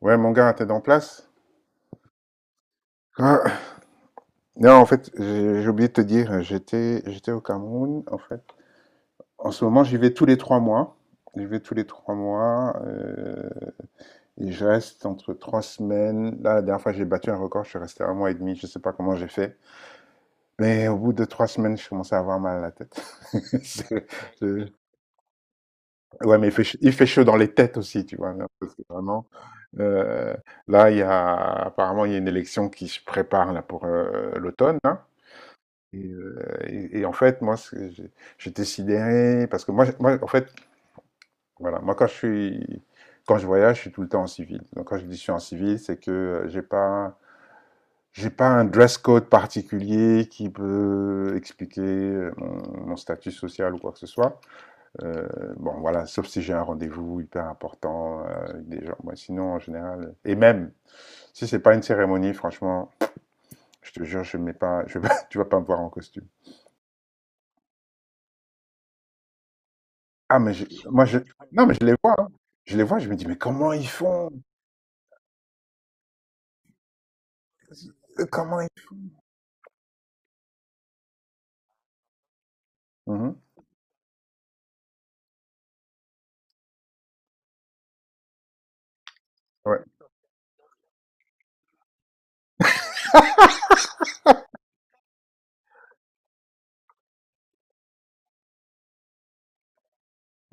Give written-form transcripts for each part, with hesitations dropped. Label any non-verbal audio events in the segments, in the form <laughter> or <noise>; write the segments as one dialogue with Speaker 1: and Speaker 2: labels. Speaker 1: Ouais, mon gars, t'es en place? Ah, non, en fait, j'ai oublié de te dire, j'étais au Cameroun, en fait. En ce moment, j'y vais tous les 3 mois. J'y vais tous les trois mois. Et je reste entre 3 semaines. Là, la dernière fois, j'ai battu un record, je suis resté un mois et demi. Je sais pas comment j'ai fait. Mais au bout de 3 semaines, je commençais à avoir mal à la tête. <laughs> C'est- c'est- Ouais, mais il fait chaud dans les têtes aussi, tu vois, là, parce que vraiment. euh, Là, apparemment, il y a une élection qui se prépare là, pour l'automne, hein. Et, heu, et en fait, moi, ce j'ai j'étais sidéré parce que moi, en fait, voilà, moi, quand je voyage, je suis tout le temps en civil. Donc quand je dis: «Je suis en civil», c'est que, heu, j'ai pas j'ai pas un dress code particulier qui peut expliquer, mon statut social ou quoi que ce soit. Heu, bon, voilà, sauf si j'ai un rendez-vous hyper important, avec des gens. Moi, sinon, en général, et même si c'est pas une cérémonie, franchement, je te jure, je mets pas je <laughs> pas tu vas pas me voir en costume. Ah, mais je, moi, je, non, mais je les vois, hein. Je les vois, je me dis, mais comment ils font? Comment ils font? Mhm. Ouais.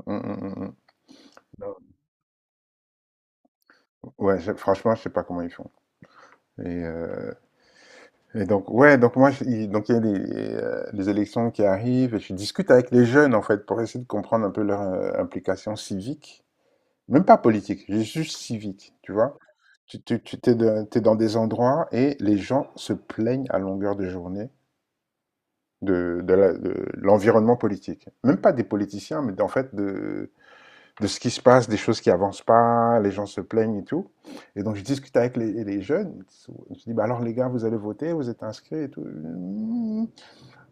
Speaker 1: Mm, mm, mm, mm. Non. Ouais, franchement, je sais pas comment ils font. Et, euh, et donc, ouais, donc moi, donc il y a les élections qui arrivent et je discute avec les jeunes, en fait, pour essayer de comprendre un peu leur implication civique. Même pas politique, juste civique, tu vois. Tu t'es dans des endroits et les gens se plaignent à longueur de journée de l'environnement politique. Même pas des politiciens, mais en fait de ce qui se passe, des choses qui avancent pas, les gens se plaignent et tout. Et donc je discute avec les jeunes. Je dis, bah alors les gars, vous allez voter, vous êtes inscrits et tout. Hmm,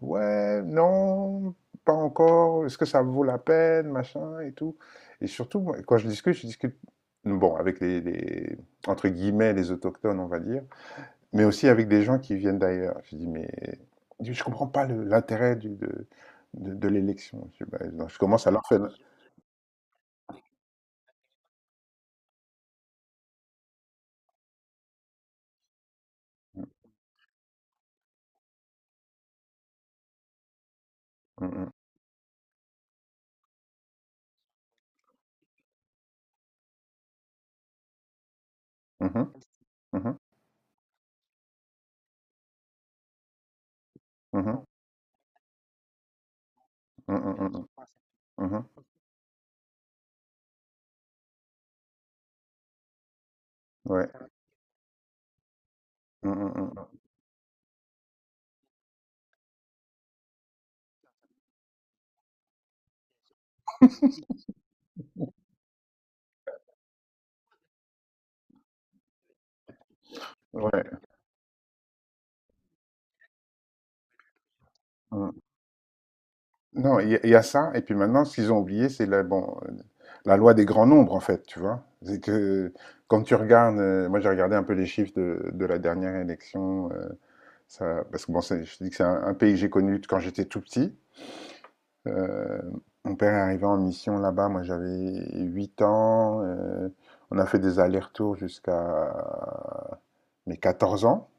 Speaker 1: ouais, non, pas encore. Est-ce que ça vaut la peine, machin et tout. Et surtout, moi, quand je discute, bon, avec entre guillemets, les autochtones, on va dire, mais aussi avec des gens qui viennent d'ailleurs. Je dis, mais je ne comprends pas l'intérêt de l'élection. Je dis, bah, non, je commence à leur faire. Mhm, mhm, mhm, mhm, mhm, mhm, mhm, ouais, mhm, mhm, ouais, mhm. Non, il y a ça. Et puis maintenant, ce qu'ils ont oublié, c'est la, bon, la loi des grands nombres, en fait, tu vois. C'est que quand tu regardes, moi j'ai regardé un peu les chiffres de la dernière élection, ça, parce que bon, je te dis que c'est un pays que j'ai connu quand j'étais tout petit. Heu, Mon père est arrivé en mission là-bas, moi j'avais 8 ans, on a fait des allers-retours jusqu'à mes 14 ans.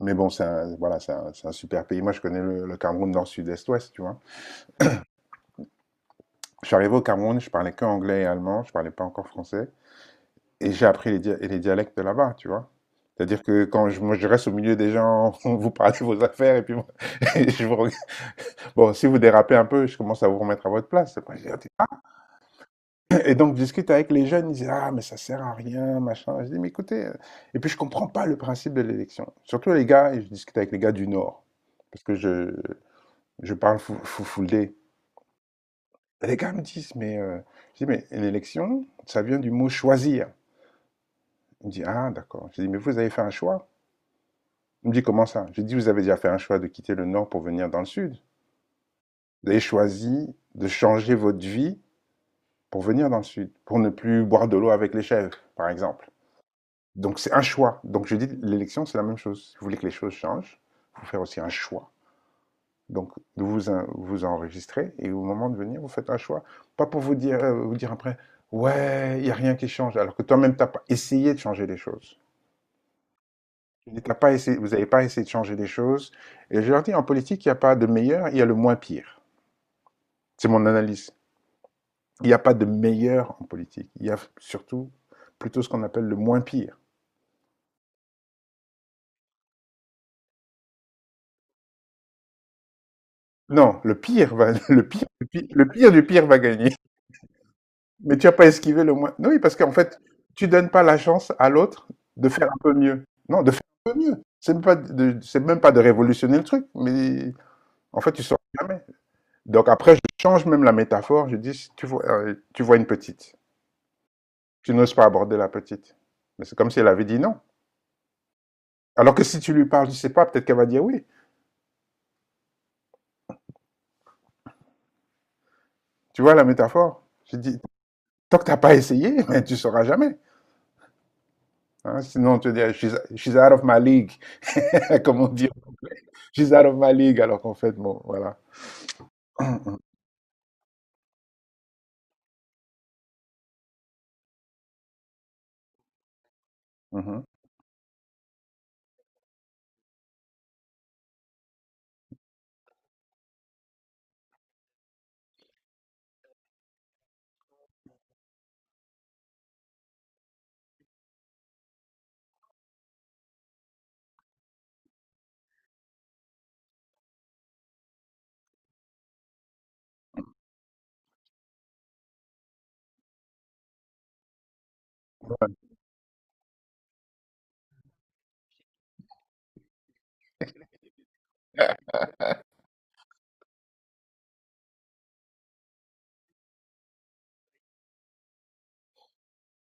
Speaker 1: Mais bon, c'est un voilà, c'est un super pays. Moi, je connais le Cameroun nord, sud, est, ouest, tu vois? Je suis arrivé au Cameroun, je parlais qu'anglais et allemand, je parlais pas encore français et j'ai appris les dialectes de là-bas, tu vois? C'est-à-dire que quand je moi, je reste au milieu des gens, <laughs> vous parlez de vos affaires et puis moi, <laughs> je vous reg bon, si vous dérapez un peu, je commence à vous remettre à votre place. Après, je dis, et donc, je discute avec les jeunes, ils disent: «Ah, mais ça sert à rien, machin.» Je dis: «Mais écoutez, et puis je comprends pas le principe de l'élection.» Surtout les gars, et je discute avec les gars du Nord, parce que je parle foulé. Et les gars me disent: «Mais, Je dis: «Mais l'élection, ça vient du mot choisir.» Il me dit: «Ah, d'accord.» Je dis: «Mais vous avez fait un choix.» Il me dit: «Comment ça?» Je dis: «Vous avez déjà fait un choix de quitter le Nord pour venir dans le Sud. Vous avez choisi de changer votre vie pour venir dans le Sud, pour ne plus boire de l'eau avec les chèvres, par exemple. Donc c'est un choix.» Donc je dis l'élection, c'est la même chose. Si vous voulez que les choses changent, il faut faire aussi un choix. Donc vous vous enregistrez et au moment de venir, vous faites un choix. Pas pour vous dire après, ouais, il n'y a rien qui change, alors que toi-même, tu n'as pas essayé de changer les choses. Tu n'as pas essayé, vous n'avez pas essayé de changer les choses. Et je leur dis, en politique, il n'y a pas de meilleur, il y a le moins pire. C'est mon analyse. Il n'y a pas de meilleur en politique. Il y a surtout plutôt ce qu'on appelle le moins pire. Non, le pire va, <laughs> le pire, le pire, le pire du pire va gagner. Mais tu as pas esquivé le moins. Non. Oui, parce qu'en fait, tu donnes pas la chance à l'autre de faire un peu mieux. Non, de faire un peu mieux. C'est même pas de, c'est même pas de révolutionner le truc, mais en fait, tu sors jamais. Donc après, je change même la métaphore. Je dis, si tu vois, tu vois une petite. Tu n'oses pas aborder la petite. Mais c'est comme si elle avait dit non. Alors que si tu lui parles, je sais pas, peut-être qu'elle va dire oui. Tu vois la métaphore? Je dis, tant que t'as pas essayé, <laughs> ben, tu sauras jamais, hein. Sinon, on te dit: «Ah, she's out of my league.» <laughs> Comme on dit, she's out of my league. Alors qu'en fait, bon, voilà. Mmh mh.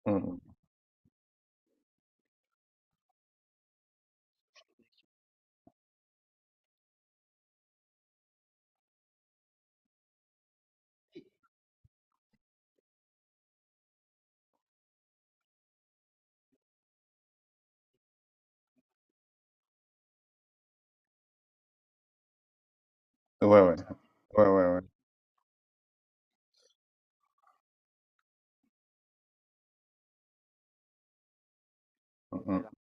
Speaker 1: Mmh. Ouais, ouais. Ouais, ouais, ouais. Mmh mh.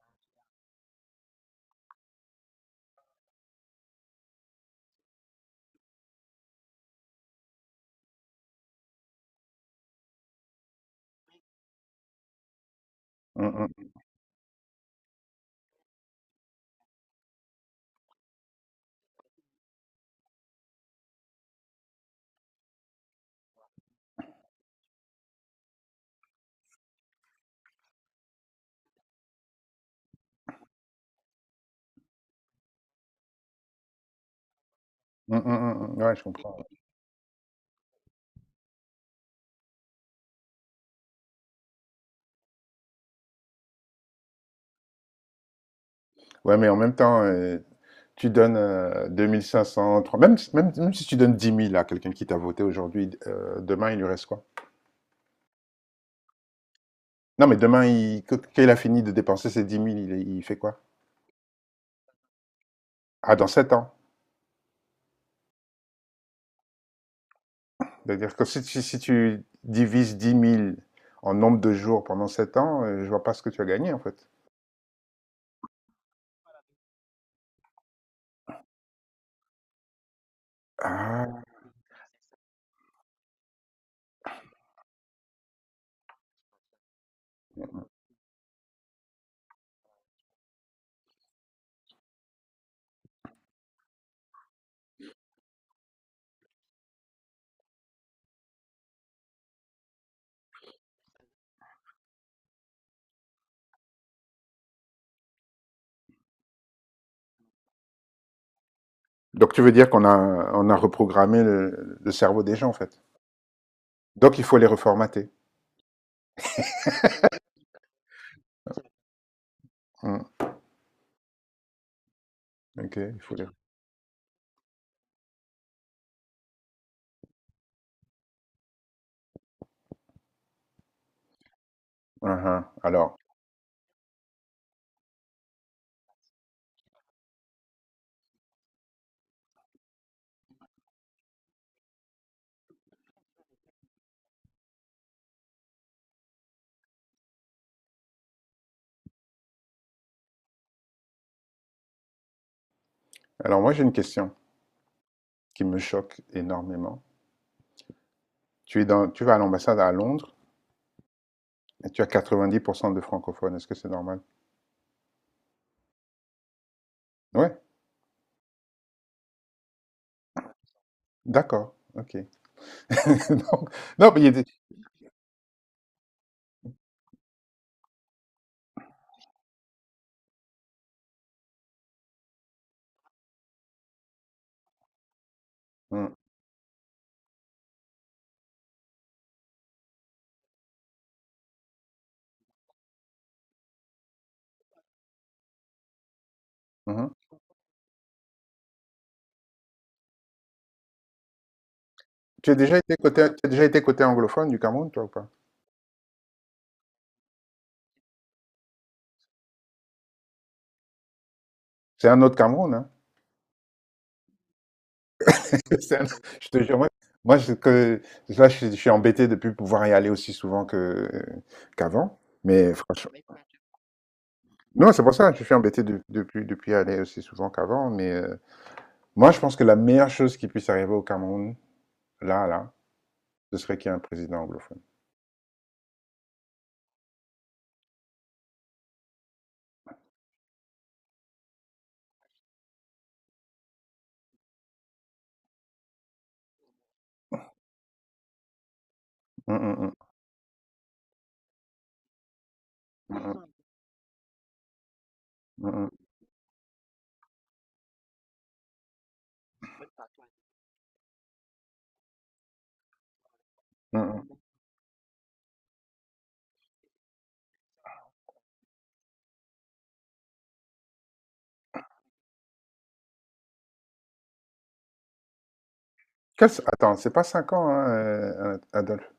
Speaker 1: Mmh mh. Mmh mmh, mmh, mmh. Ouais, je comprends, ouais. Ouais, mais en même temps, tu donnes, 2 500, trois même si tu donnes 10 000 à quelqu'un qui t'a voté aujourd'hui, d demain, il lui reste quoi? Non, mais demain, il que quand il a fini de dépenser ses 10 000, il fait quoi? Ah, dans 7 ans. C'est-à-dire que si tu divises 10 000 en nombre de jours pendant 7 ans, je vois pas ce que tu as gagné, en fait. Ah! Donc tu veux dire qu'on a reprogrammé le cerveau des gens, en fait? Donc il faut les reformater. Mmh, OK, il faut les. Mmh. Alors alors moi j'ai une question qui me choque énormément. Tu es dans tu vas à l'ambassade à Londres et tu as 90 de francophones, est-ce que c'est normal? Ouais, d'accord, OK. <laughs> Donc non, mais il y a des. Mmh, mmh. Tu as déjà été côté tu as déjà été côté anglophone du Cameroun, toi, ou pas? C'est un autre Cameroun, hein? <laughs> C'est un autre, je te jure, moi c'est que là, je suis embêté de ne plus pouvoir y aller aussi souvent que qu'avant, mais franchement. Non, c'est pour ça que je suis embêté depuis aller aussi souvent qu'avant. Mais moi, je pense que la meilleure chose qui puisse arriver au Cameroun, là, là, ce serait qu'il y ait un président anglophone. Mm, mm, mm, mm, mm, mm, mm, mm. Attends, c'est pas 5 ans, hein, Adolphe.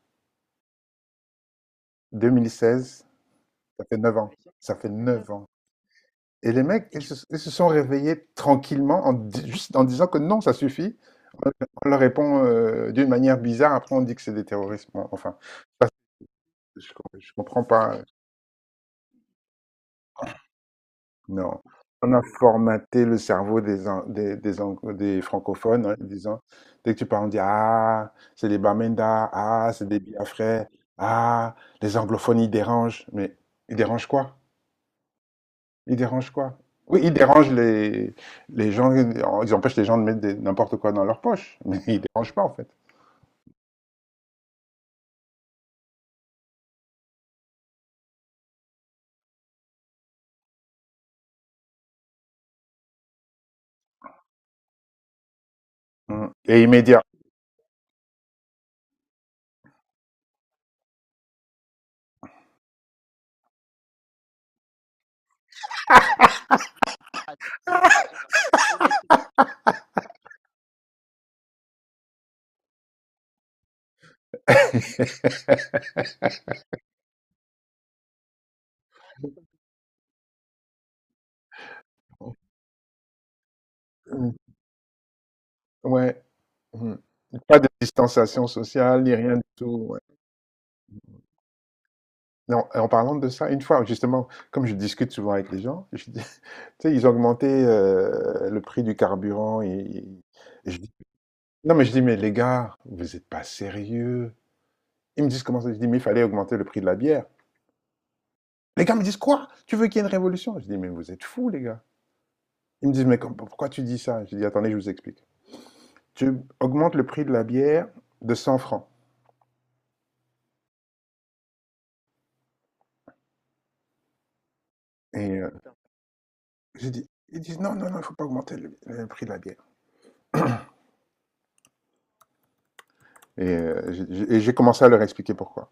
Speaker 1: 2016, ça fait 9 ans. Ça fait 9 ans. Et les mecs, ils se sont réveillés tranquillement juste en disant que non, ça suffit. On leur répond d'une manière bizarre, après on dit que c'est des terroristes. Bon, enfin, ça, je comprends pas. Non. On a formaté le cerveau des, an- des, ang- des francophones, hein, en disant, dès que tu parles, on dit, ah, c'est les Bamenda, ah, c'est des Biafrais, ah, les anglophones, ils dérangent. Mais ils dérangent quoi? Ils dérangent quoi? Oui, ils dérangent les gens, ils empêchent les gens de mettre n'importe quoi dans leur poche, <laughs> mais ils dérangent pas, en fait. Mm. Et immédiat. <laughs> Mm. Ouais. Mm. Pas de distanciation sociale, ni rien du tout. Et en parlant de ça, une fois, justement, comme je discute souvent avec les gens, je dis, <laughs> tu sais, ils ont augmenté le prix du carburant. Et je dis, non, mais je dis, mais les gars, vous êtes pas sérieux. Ils me disent comment ça. Je dis, mais il fallait augmenter le prix de la bière. Les gars me disent, quoi? Tu veux qu'il y ait une révolution? Je dis, mais vous êtes fous, les gars. Ils me disent, mais pourquoi tu dis ça? Je dis, attendez, je vous explique. Tu augmentes le prix de la bière de 100 francs. Et je dis, ils disent, non, non, non, il ne faut pas augmenter le prix de la bière. Et j'ai commencé à leur expliquer pourquoi.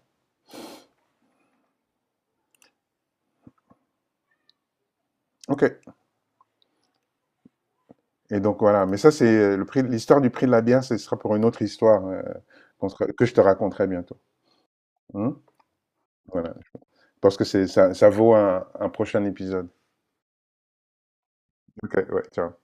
Speaker 1: OK. Et donc voilà, mais ça c'est le prix, l'histoire du prix de la bière, ce sera pour une autre histoire, que je te raconterai bientôt. Hein. Voilà, parce que c'est ça, ça vaut un prochain épisode. OK, ouais, ciao.